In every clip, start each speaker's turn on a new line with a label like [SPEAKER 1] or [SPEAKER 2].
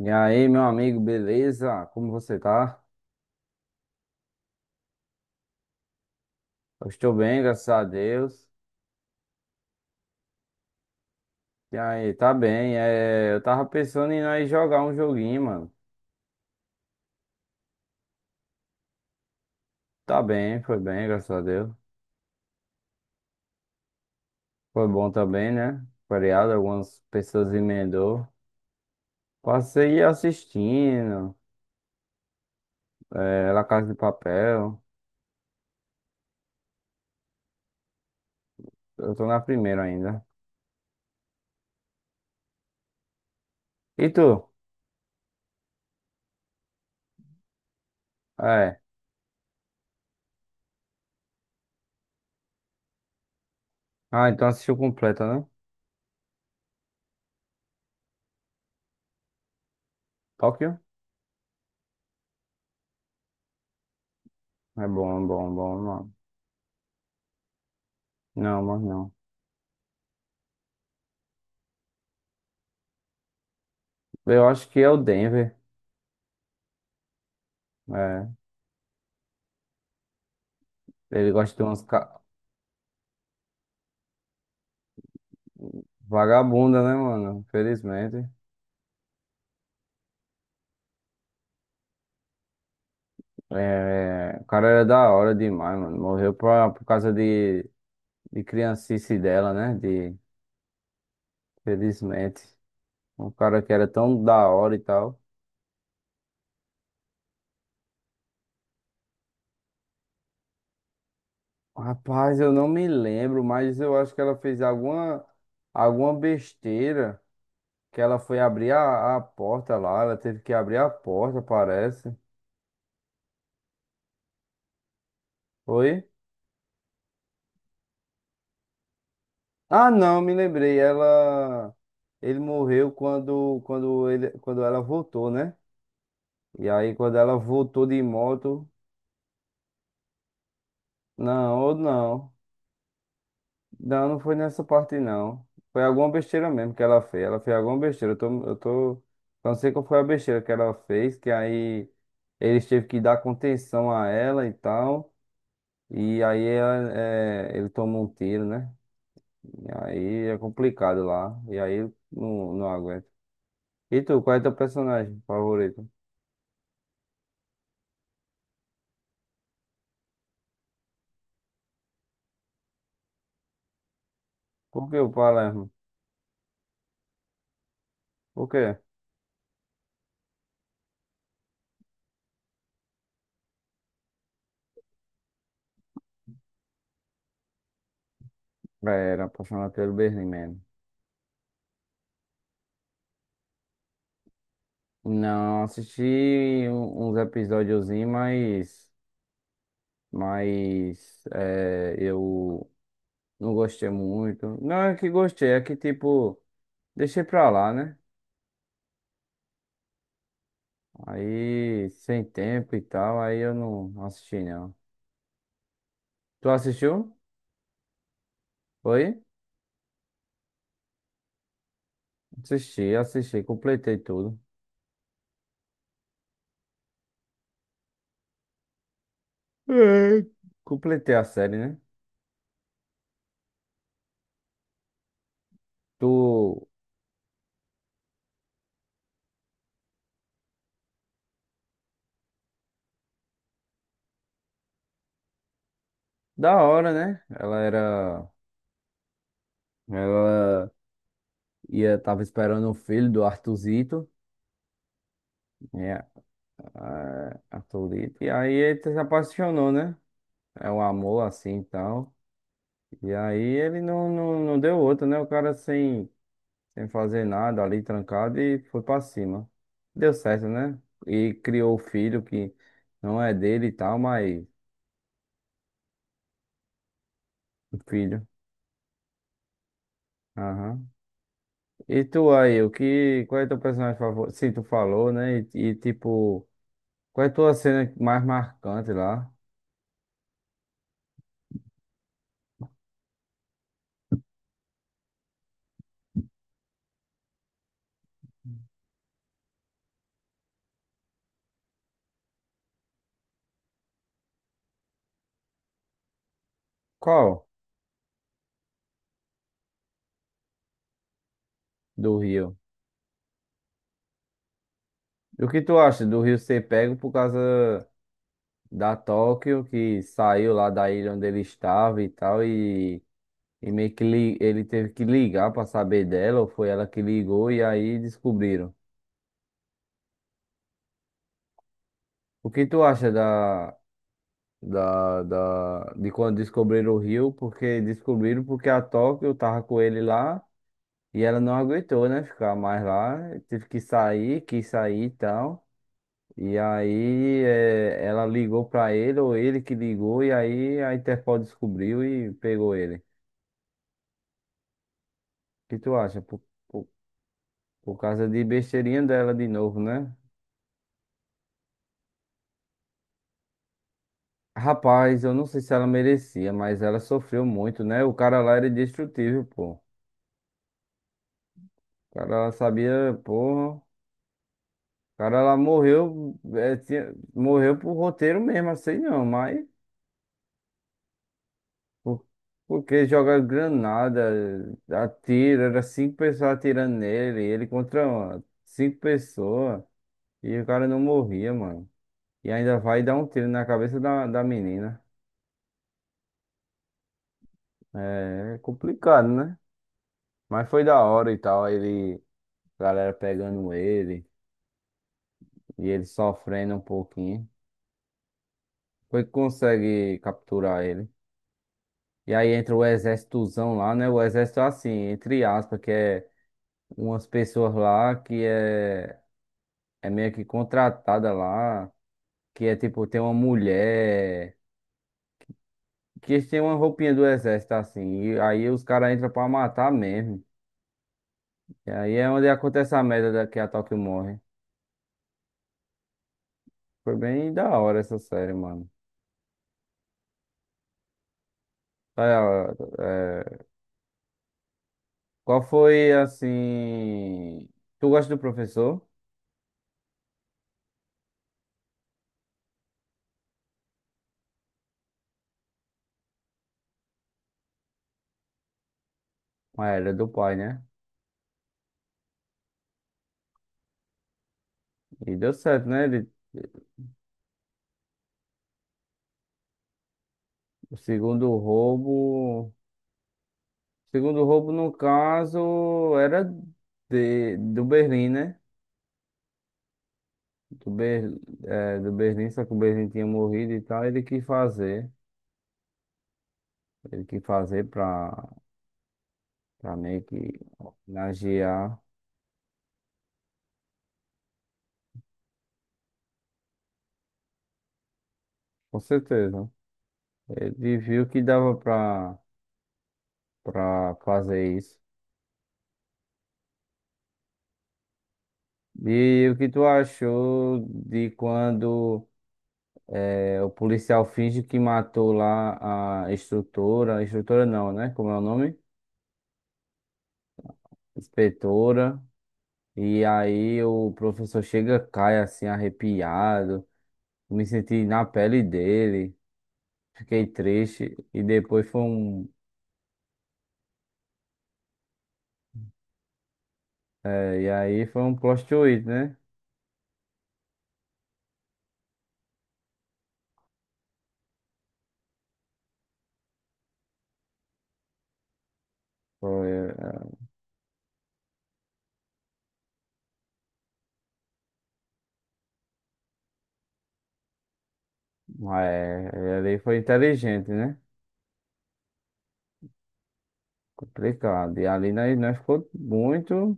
[SPEAKER 1] E aí, meu amigo, beleza? Como você tá? Eu estou bem, graças a Deus. E aí, tá bem. É, eu tava pensando em nós jogar um joguinho, mano. Tá bem, foi bem, graças a Deus. Foi bom também, né? Feriado, algumas pessoas emendou. Passei assistindo, é, La Casa de Papel. Eu tô na primeira ainda. E tu? É. Ah, então assistiu completa, né? Tóquio? É bom, bom, bom, não. Não, mas não. Eu acho que é o Denver. É. Ele gosta de umas ca... vagabundas, né, mano? Infelizmente. É, o cara era da hora demais, mano. Morreu pra... por causa de criancice dela, né? De... felizmente um cara que era tão da hora e tal. Rapaz, eu não me lembro, mas eu acho que ela fez alguma, alguma besteira que ela foi abrir a porta lá. Ela teve que abrir a porta, parece. Foi? Ah, não, me lembrei. Ela, ele morreu quando, quando ele, quando ela voltou, né? E aí quando ela voltou de moto, não, ou não, não, não foi nessa parte não. Foi alguma besteira mesmo que ela fez. Ela fez alguma besteira. Eu tô, não sei qual foi a besteira que ela fez, que aí eles teve que dar contenção a ela e tal. E aí ela, é, ele tomou um tiro, né? E aí é complicado lá. E aí não, não aguenta. E tu, qual é teu personagem favorito? Por que o Palermo? Por quê? É, era apaixonado pelo Berlim, mano. Não assisti uns episódiozinhos, mas é, eu não gostei muito. Não é que gostei, é que tipo, deixei pra lá, né? Aí, sem tempo e tal, aí eu não assisti, não. Tu assistiu? Foi? Assisti, assisti, completei tudo. É. Completei a série, né? Tu da hora, né? Ela era. Ela ia, tava esperando o filho do Arthurzito, né? Ah, Arthurzito. E aí ele se apaixonou, né? É um amor assim e tal. E aí ele não, não, não deu outra, né? O cara sem, sem fazer nada ali, trancado, e foi pra cima. Deu certo, né? E criou o filho que não é dele e tal, mas o filho. Aham. E tu aí, o que, qual é teu personagem favorito? Sim, tu falou, né? e tipo. Qual é a tua cena mais marcante lá? Qual? Do Rio. E o que tu acha do Rio ser pego por causa da Tóquio, que saiu lá da ilha onde ele estava e tal, e meio que ele teve que ligar pra saber dela, ou foi ela que ligou e aí descobriram. O que tu acha da, de quando descobriram o Rio? Porque descobriram porque a Tóquio tava com ele lá e ela não aguentou, né? Ficar mais lá, teve que sair, quis sair e tal. E aí ela ligou pra ele, ou ele que ligou, e aí a Interpol descobriu e pegou ele. O que tu acha? Por, por causa de besteirinha dela de novo, né? Rapaz, eu não sei se ela merecia, mas ela sofreu muito, né? O cara lá era indestrutível, pô. O cara lá sabia, porra. O cara lá morreu, morreu por roteiro mesmo, assim não, mas. Por- Porque joga granada, atira, era cinco pessoas atirando nele, ele contra cinco pessoas, e o cara não morria, mano. E ainda vai dar um tiro na cabeça da, da menina. É complicado, né? Mas foi da hora e tal, ele, a galera pegando ele, e ele sofrendo um pouquinho. Foi que consegue capturar ele. E aí entra o exércitozão lá, né? O exército é assim, entre aspas, que é umas pessoas lá que é. É meio que contratada lá, que é tipo, tem uma mulher, que tem uma roupinha do exército assim, e aí os caras entram pra matar mesmo. E aí é onde acontece a merda da que a Tóquio morre. Foi bem da hora essa série, mano. Olha, é, qual foi assim. Tu gosta do professor? Ah, era do pai, né? E deu certo, né? Ele... O segundo roubo. O segundo roubo, no caso, era de... do Berlim, né? do, Ber, do Berlim, só que o Berlim tinha morrido e tal, ele quis fazer. Ele quis fazer pra, pra meio que homenagear, com certeza. Ele viu que dava pra, pra fazer isso. E o que tu achou de quando o policial finge que matou lá a instrutora, instrutora não, né? Como é o nome? Inspetora. E aí o professor chega, cai assim, arrepiado. Me senti na pele dele, fiquei triste e depois foi um. E aí foi um plot twist, né? Foi, eh, Ele ali foi inteligente, né? Complicado. E ali nós, nós ficou muito.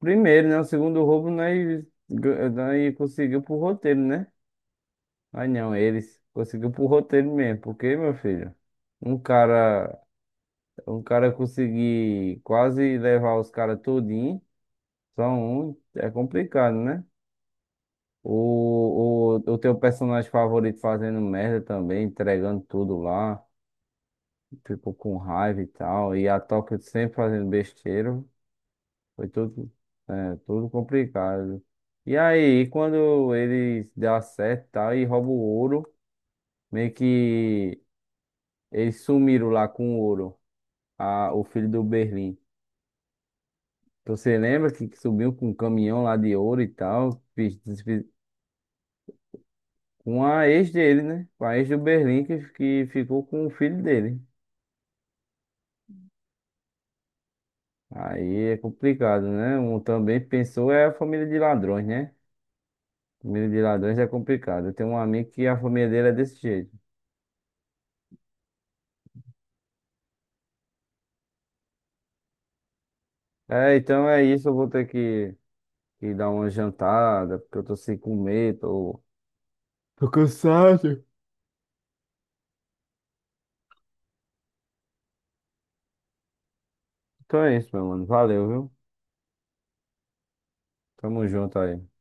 [SPEAKER 1] Primeiro, né? O segundo roubo nós, nós conseguiu pro roteiro, né? Mas não, eles conseguiu pro roteiro mesmo. Porque, meu filho, um cara, um cara conseguir quase levar os caras todinho, só um, é complicado, né? O teu personagem favorito fazendo merda também, entregando tudo lá, tipo com raiva e tal, e a Tóquio sempre fazendo besteira, foi tudo, é, tudo complicado. E aí, quando eles dão certo e tal, e roubam o ouro, meio que eles sumiram lá com o ouro, a, o filho do Berlim. Então, você lembra que subiu com um caminhão lá de ouro e tal, com a ex dele, né? Com a ex do Berlim que ficou com o filho dele. Aí é complicado, né? Um também pensou é a família de ladrões, né? Família de ladrões é complicado. Eu tenho um amigo que a família dele é desse jeito. É, então é isso. Eu vou ter que dar uma jantada, porque eu tô sem comer, tô. Tô cansado. Então é isso, meu mano. Valeu, viu? Tamo junto aí.